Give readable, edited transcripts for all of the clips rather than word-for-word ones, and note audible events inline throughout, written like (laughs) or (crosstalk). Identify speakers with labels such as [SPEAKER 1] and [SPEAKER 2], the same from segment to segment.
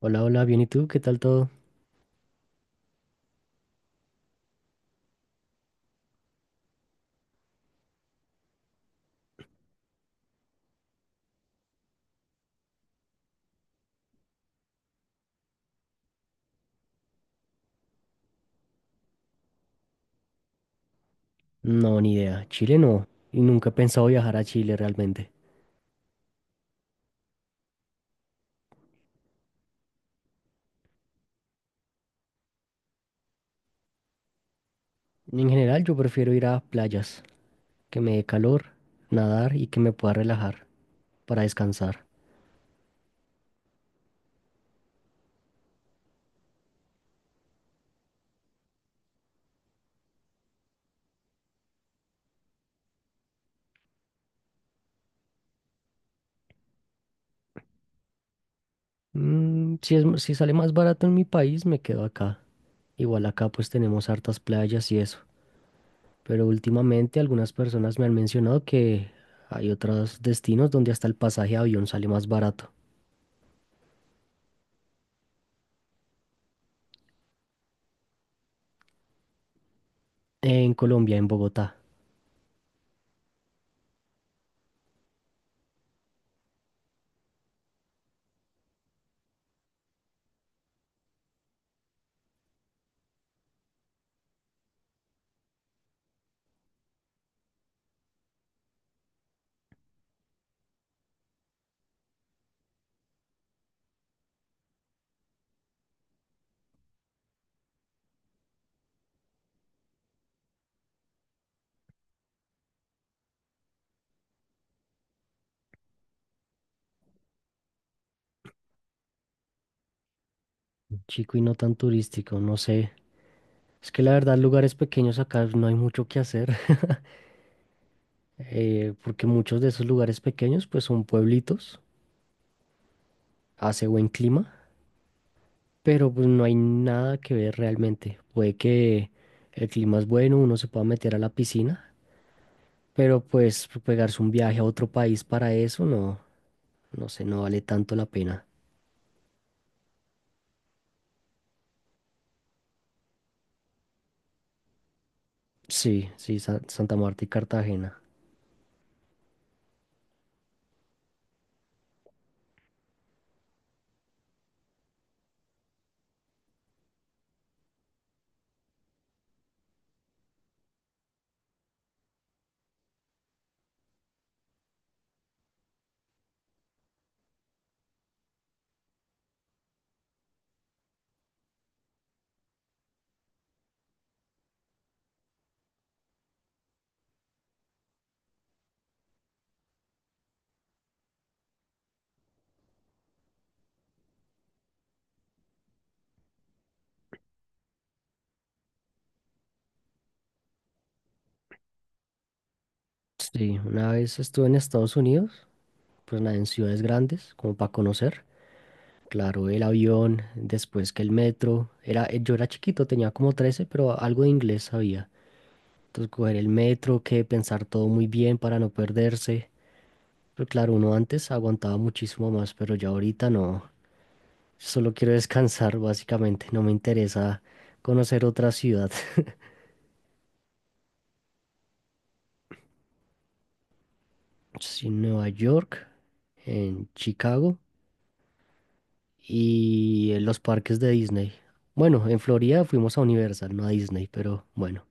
[SPEAKER 1] Hola, hola, bien, ¿y tú? ¿Qué tal todo? No, ni idea. Chile no. Y nunca he pensado viajar a Chile realmente. En general, yo prefiero ir a playas, que me dé calor, nadar y que me pueda relajar para descansar. Mm, si sale más barato en mi país, me quedo acá. Igual acá pues tenemos hartas playas y eso. Pero últimamente algunas personas me han mencionado que hay otros destinos donde hasta el pasaje de avión sale más barato. En Colombia, en Bogotá. Chico y no tan turístico, no sé. Es que la verdad, lugares pequeños acá no hay mucho que hacer. (laughs) Porque muchos de esos lugares pequeños pues son pueblitos, hace buen clima, pero pues no hay nada que ver realmente. Puede que el clima es bueno, uno se pueda meter a la piscina, pero pues pegarse un viaje a otro país para eso no, no sé, no vale tanto la pena. Sí, sí, Santa Marta y Cartagena. Sí, una vez estuve en Estados Unidos, pues nada, en ciudades grandes, como para conocer. Claro, el avión, después que el metro. Yo era chiquito, tenía como 13, pero algo de inglés sabía. Entonces, coger el metro, que pensar todo muy bien para no perderse. Pero claro, uno antes aguantaba muchísimo más, pero ya ahorita no. Solo quiero descansar, (laughs) básicamente. No me interesa conocer otra ciudad. (laughs) Sí, Nueva York, en Chicago y en los parques de Disney. Bueno, en Florida fuimos a Universal, no a Disney, pero bueno.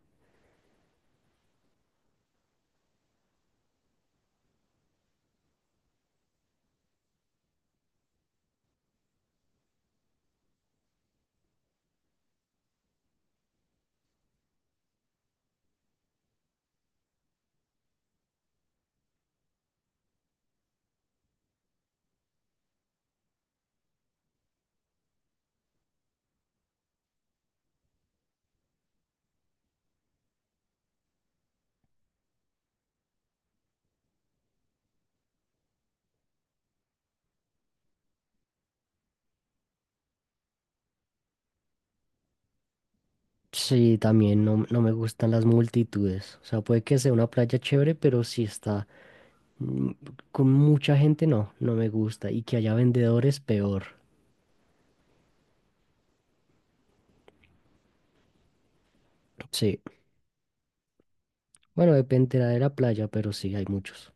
[SPEAKER 1] Sí, también no, no me gustan las multitudes. O sea, puede que sea una playa chévere, pero si está mm, con mucha gente, no, no me gusta. Y que haya vendedores, peor. Sí. Bueno, dependerá de la playa, pero sí, hay muchos.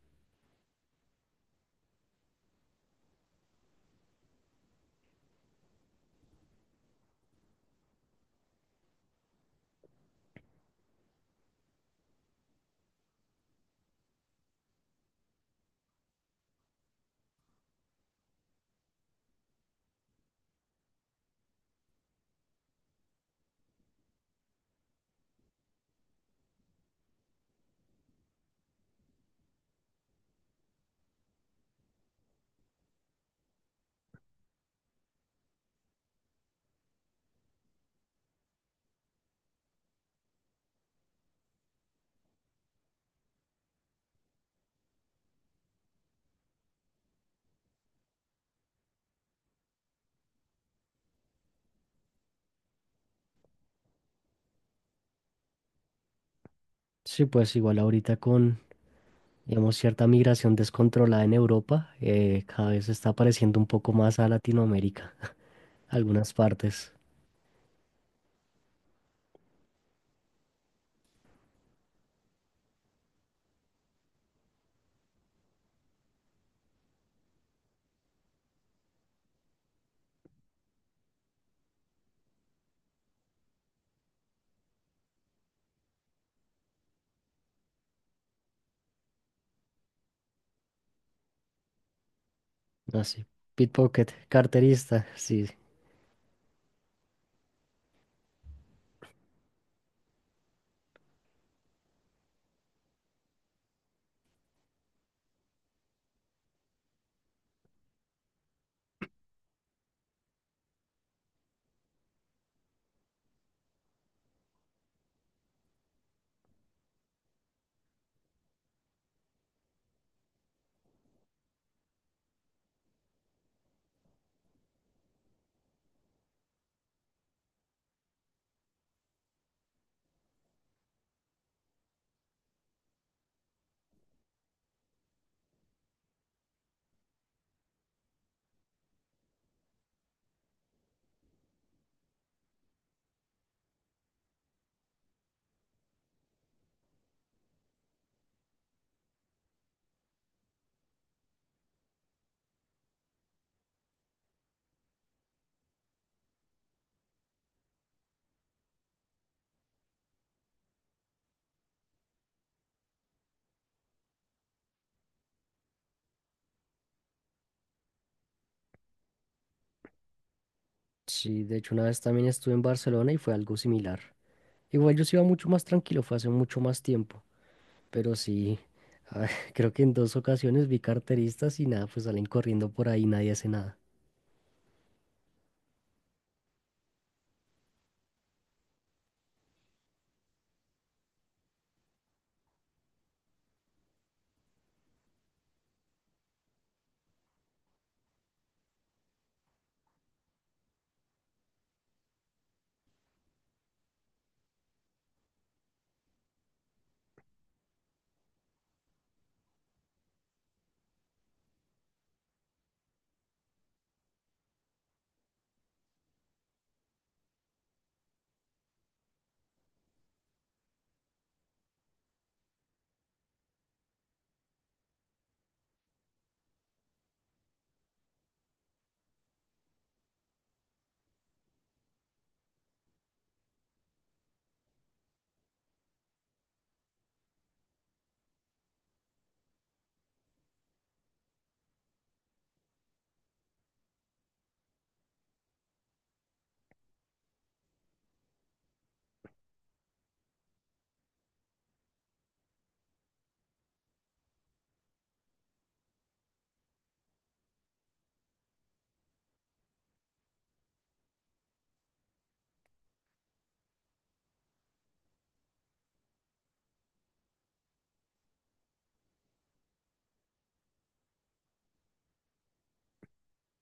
[SPEAKER 1] Sí, pues igual ahorita con, digamos, cierta migración descontrolada en Europa, cada vez se está apareciendo un poco más a Latinoamérica, algunas partes. Así. Pickpocket, carterista, sí. Sí, de hecho una vez también estuve en Barcelona y fue algo similar. Igual yo sí iba mucho más tranquilo, fue hace mucho más tiempo, pero sí, a ver, (laughs) creo que en dos ocasiones vi carteristas y nada, pues salen corriendo por ahí, nadie hace nada.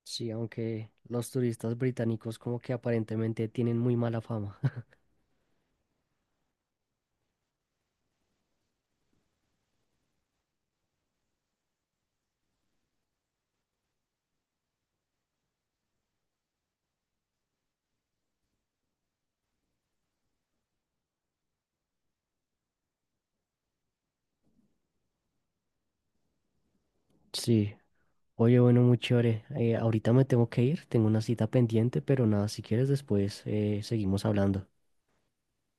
[SPEAKER 1] Sí, aunque los turistas británicos como que aparentemente tienen muy mala fama. (laughs) Sí, oye, bueno, muy chévere. Ahorita me tengo que ir, tengo una cita pendiente, pero nada, si quieres después seguimos hablando.